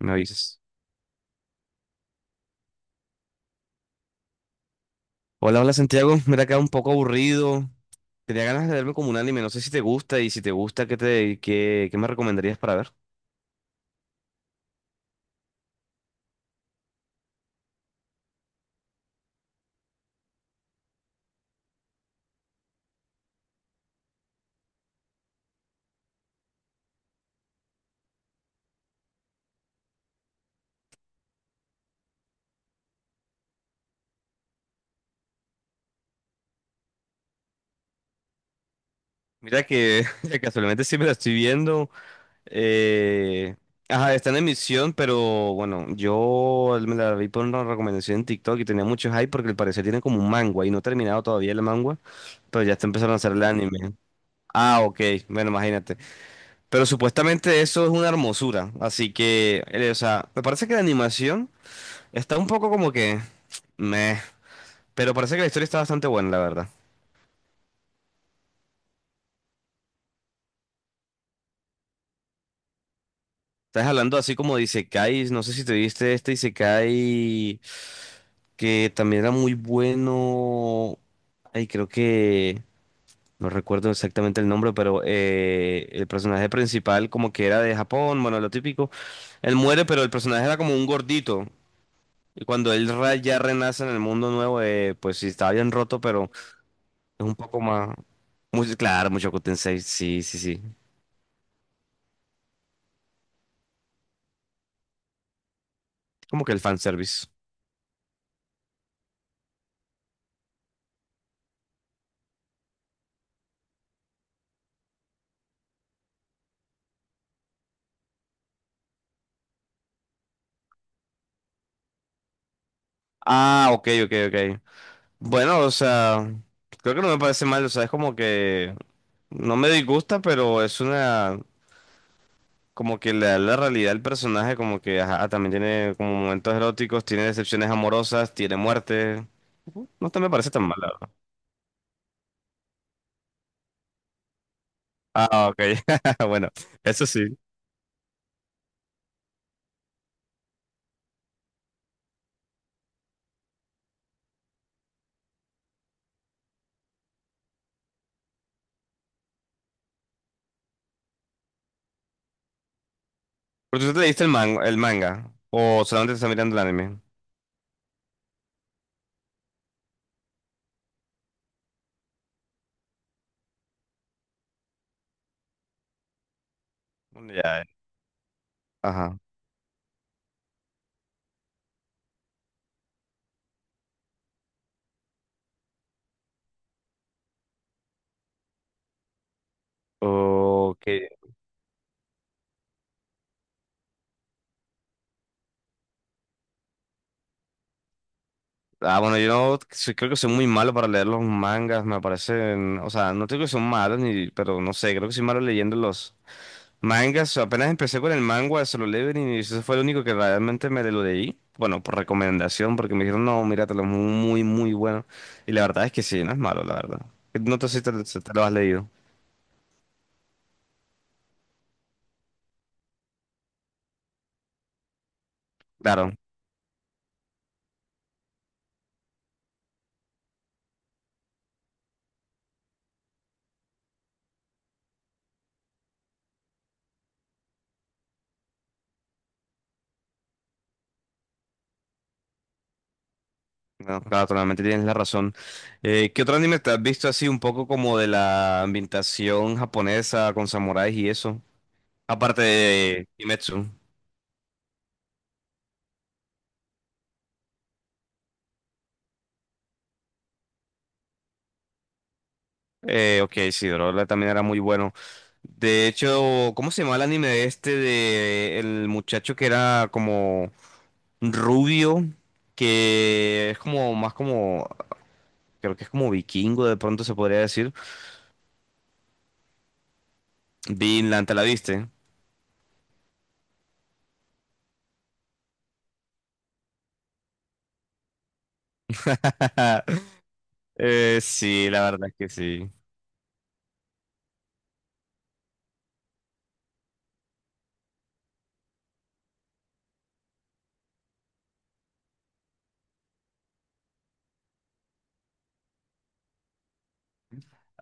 Me avisas. Hola, hola Santiago. Mira, acá un poco aburrido. Tenía ganas de verme como un anime. No sé si te gusta y si te gusta, ¿qué me recomendarías para ver? Mira que casualmente sí me la estoy viendo. eh, Ajá, está en emisión, pero bueno, yo me la vi por una recomendación en TikTok y tenía mucho hype porque al parecer tiene como un manga y no he terminado todavía el manga, pero ya está empezando a hacer el anime. Ah, ok, bueno, imagínate. Pero supuestamente eso es una hermosura, así que, o sea, me parece que la animación está un poco como que meh, pero parece que la historia está bastante buena, la verdad. Estás hablando así como de isekais. No sé si te viste este isekai que también era muy bueno. Ay, creo que no recuerdo exactamente el nombre, pero el personaje principal como que era de Japón, bueno, lo típico. Él muere, pero el personaje era como un gordito. Y cuando ya renace en el mundo nuevo, pues sí, estaba bien roto, pero es un poco más muy, claro, mucho Goten. Sí, sí, sí. Como que el fanservice. Ah, ok, ok, ok. Bueno, o sea, creo que no me parece mal, o sea, es como que no me disgusta, pero es una, como que le da la realidad al personaje, como que, ajá, también tiene como momentos eróticos, tiene decepciones amorosas, tiene muerte. No te me parece tan mal, la verdad. Ah, ok. Bueno, eso sí. Pero tú te leíste el el manga, o solamente te estás mirando el anime. Ya, eh. Ajá. Ok. Ah, bueno, yo no soy- creo que soy muy malo para leer los mangas, me parecen, o sea, no creo que son malos, ni, pero no sé, creo que soy malo leyendo los mangas. Apenas empecé con el manga, se lo leo y eso fue lo único que realmente me lo leí. Bueno, por recomendación, porque me dijeron, no, míratelo, es muy, muy bueno. Y la verdad es que sí, no es malo, la verdad. No te sé si te, si te lo has leído. Claro, no, claro, totalmente tienes la razón. ¿Qué otro anime te has visto así un poco como de la ambientación japonesa con samuráis y eso? Aparte de Kimetsu. Ok, sí, Drola también era muy bueno. De hecho, ¿cómo se llama el anime de este de el muchacho que era como rubio? Que es como más como, creo que es como vikingo, de pronto se podría decir. Vinland, ¿te la viste? Sí, la verdad es que sí.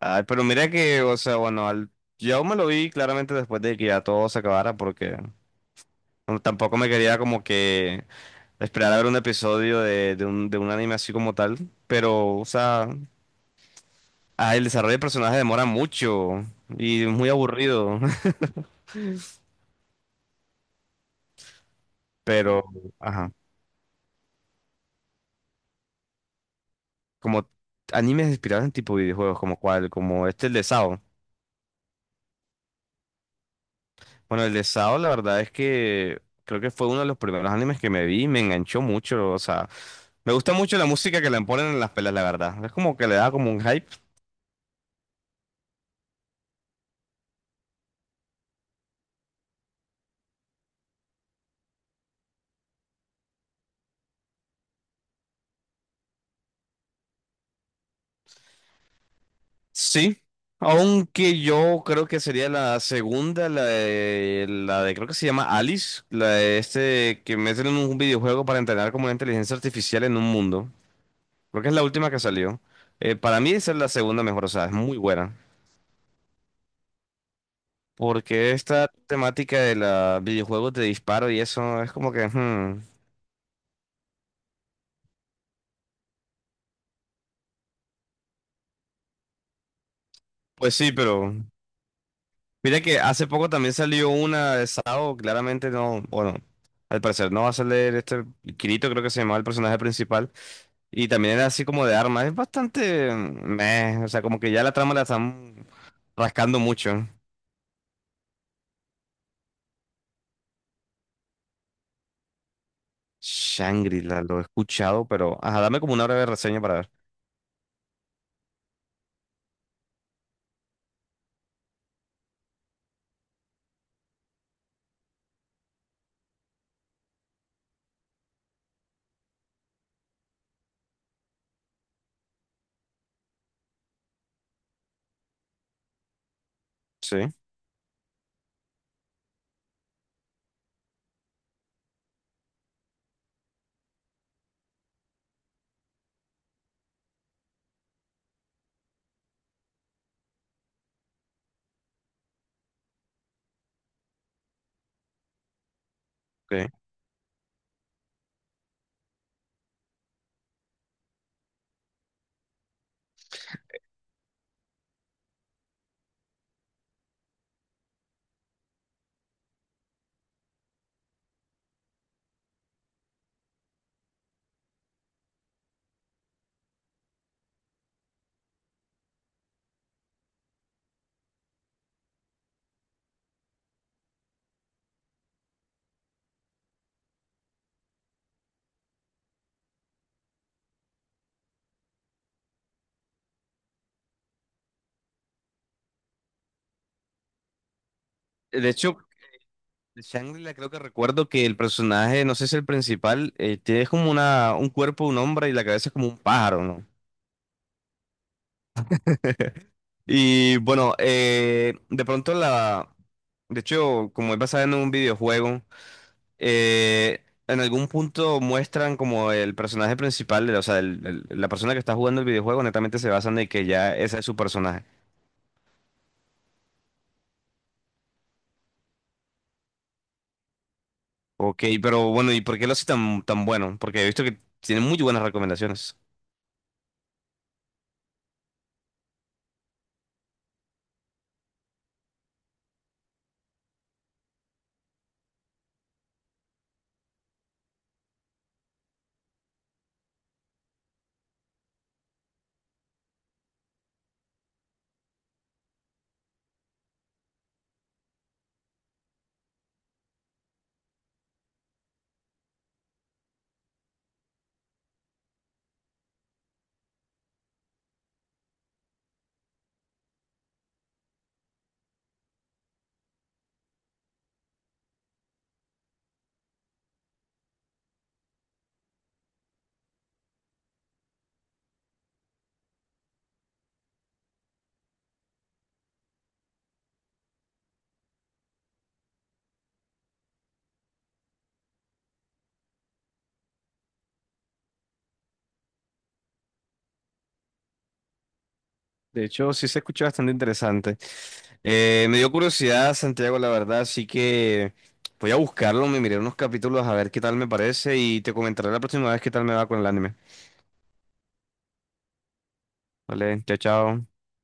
Ay, pero mira que, o sea, bueno, yo me lo vi claramente después de que ya todo se acabara porque no, tampoco me quería como que esperar a ver un episodio de un anime así como tal. Pero, o sea, ah, el desarrollo de personaje demora mucho y es muy aburrido. Pero, ajá. Como animes inspirados en tipo videojuegos, como cuál, como este, el de Sao. Bueno, el de Sao, la verdad es que creo que fue uno de los primeros animes que me vi y me enganchó mucho. O sea, me gusta mucho la música que le ponen en las pelas, la verdad. Es como que le da como un hype. Sí, aunque yo creo que sería la segunda, la de creo que se llama Alice, la de este que meten en un videojuego para entrenar como una inteligencia artificial en un mundo. Creo que es la última que salió. Para mí esa es la segunda mejor, o sea, es muy buena. Porque esta temática de los videojuegos de disparo y eso es como que hmm. Pues sí, pero mira que hace poco también salió una de Sao, claramente no, bueno, al parecer no va a salir este Kirito, creo que se llamaba el personaje principal, y también era así como de armas, es bastante meh, o sea, como que ya la trama la están rascando mucho. Shangri-La, lo he escuchado, pero ajá, dame como una breve reseña para ver. Sí, ok. De hecho, de Shangri-La creo que recuerdo que el personaje, no sé si el principal, tiene como una, un cuerpo, un hombre y la cabeza es como un pájaro, ¿no? Y bueno, de pronto la de hecho, como es basada en un videojuego, en algún punto muestran como el personaje principal, o sea, la persona que está jugando el videojuego, netamente se basan en que ya ese es su personaje. Ok, pero bueno, ¿y por qué lo hace tan, tan bueno? Porque he visto que tiene muy buenas recomendaciones. De hecho, sí se escucha bastante interesante. Me dio curiosidad, Santiago, la verdad, así que voy a buscarlo, me miré unos capítulos a ver qué tal me parece y te comentaré la próxima vez qué tal me va con el anime. Vale, chao, chao.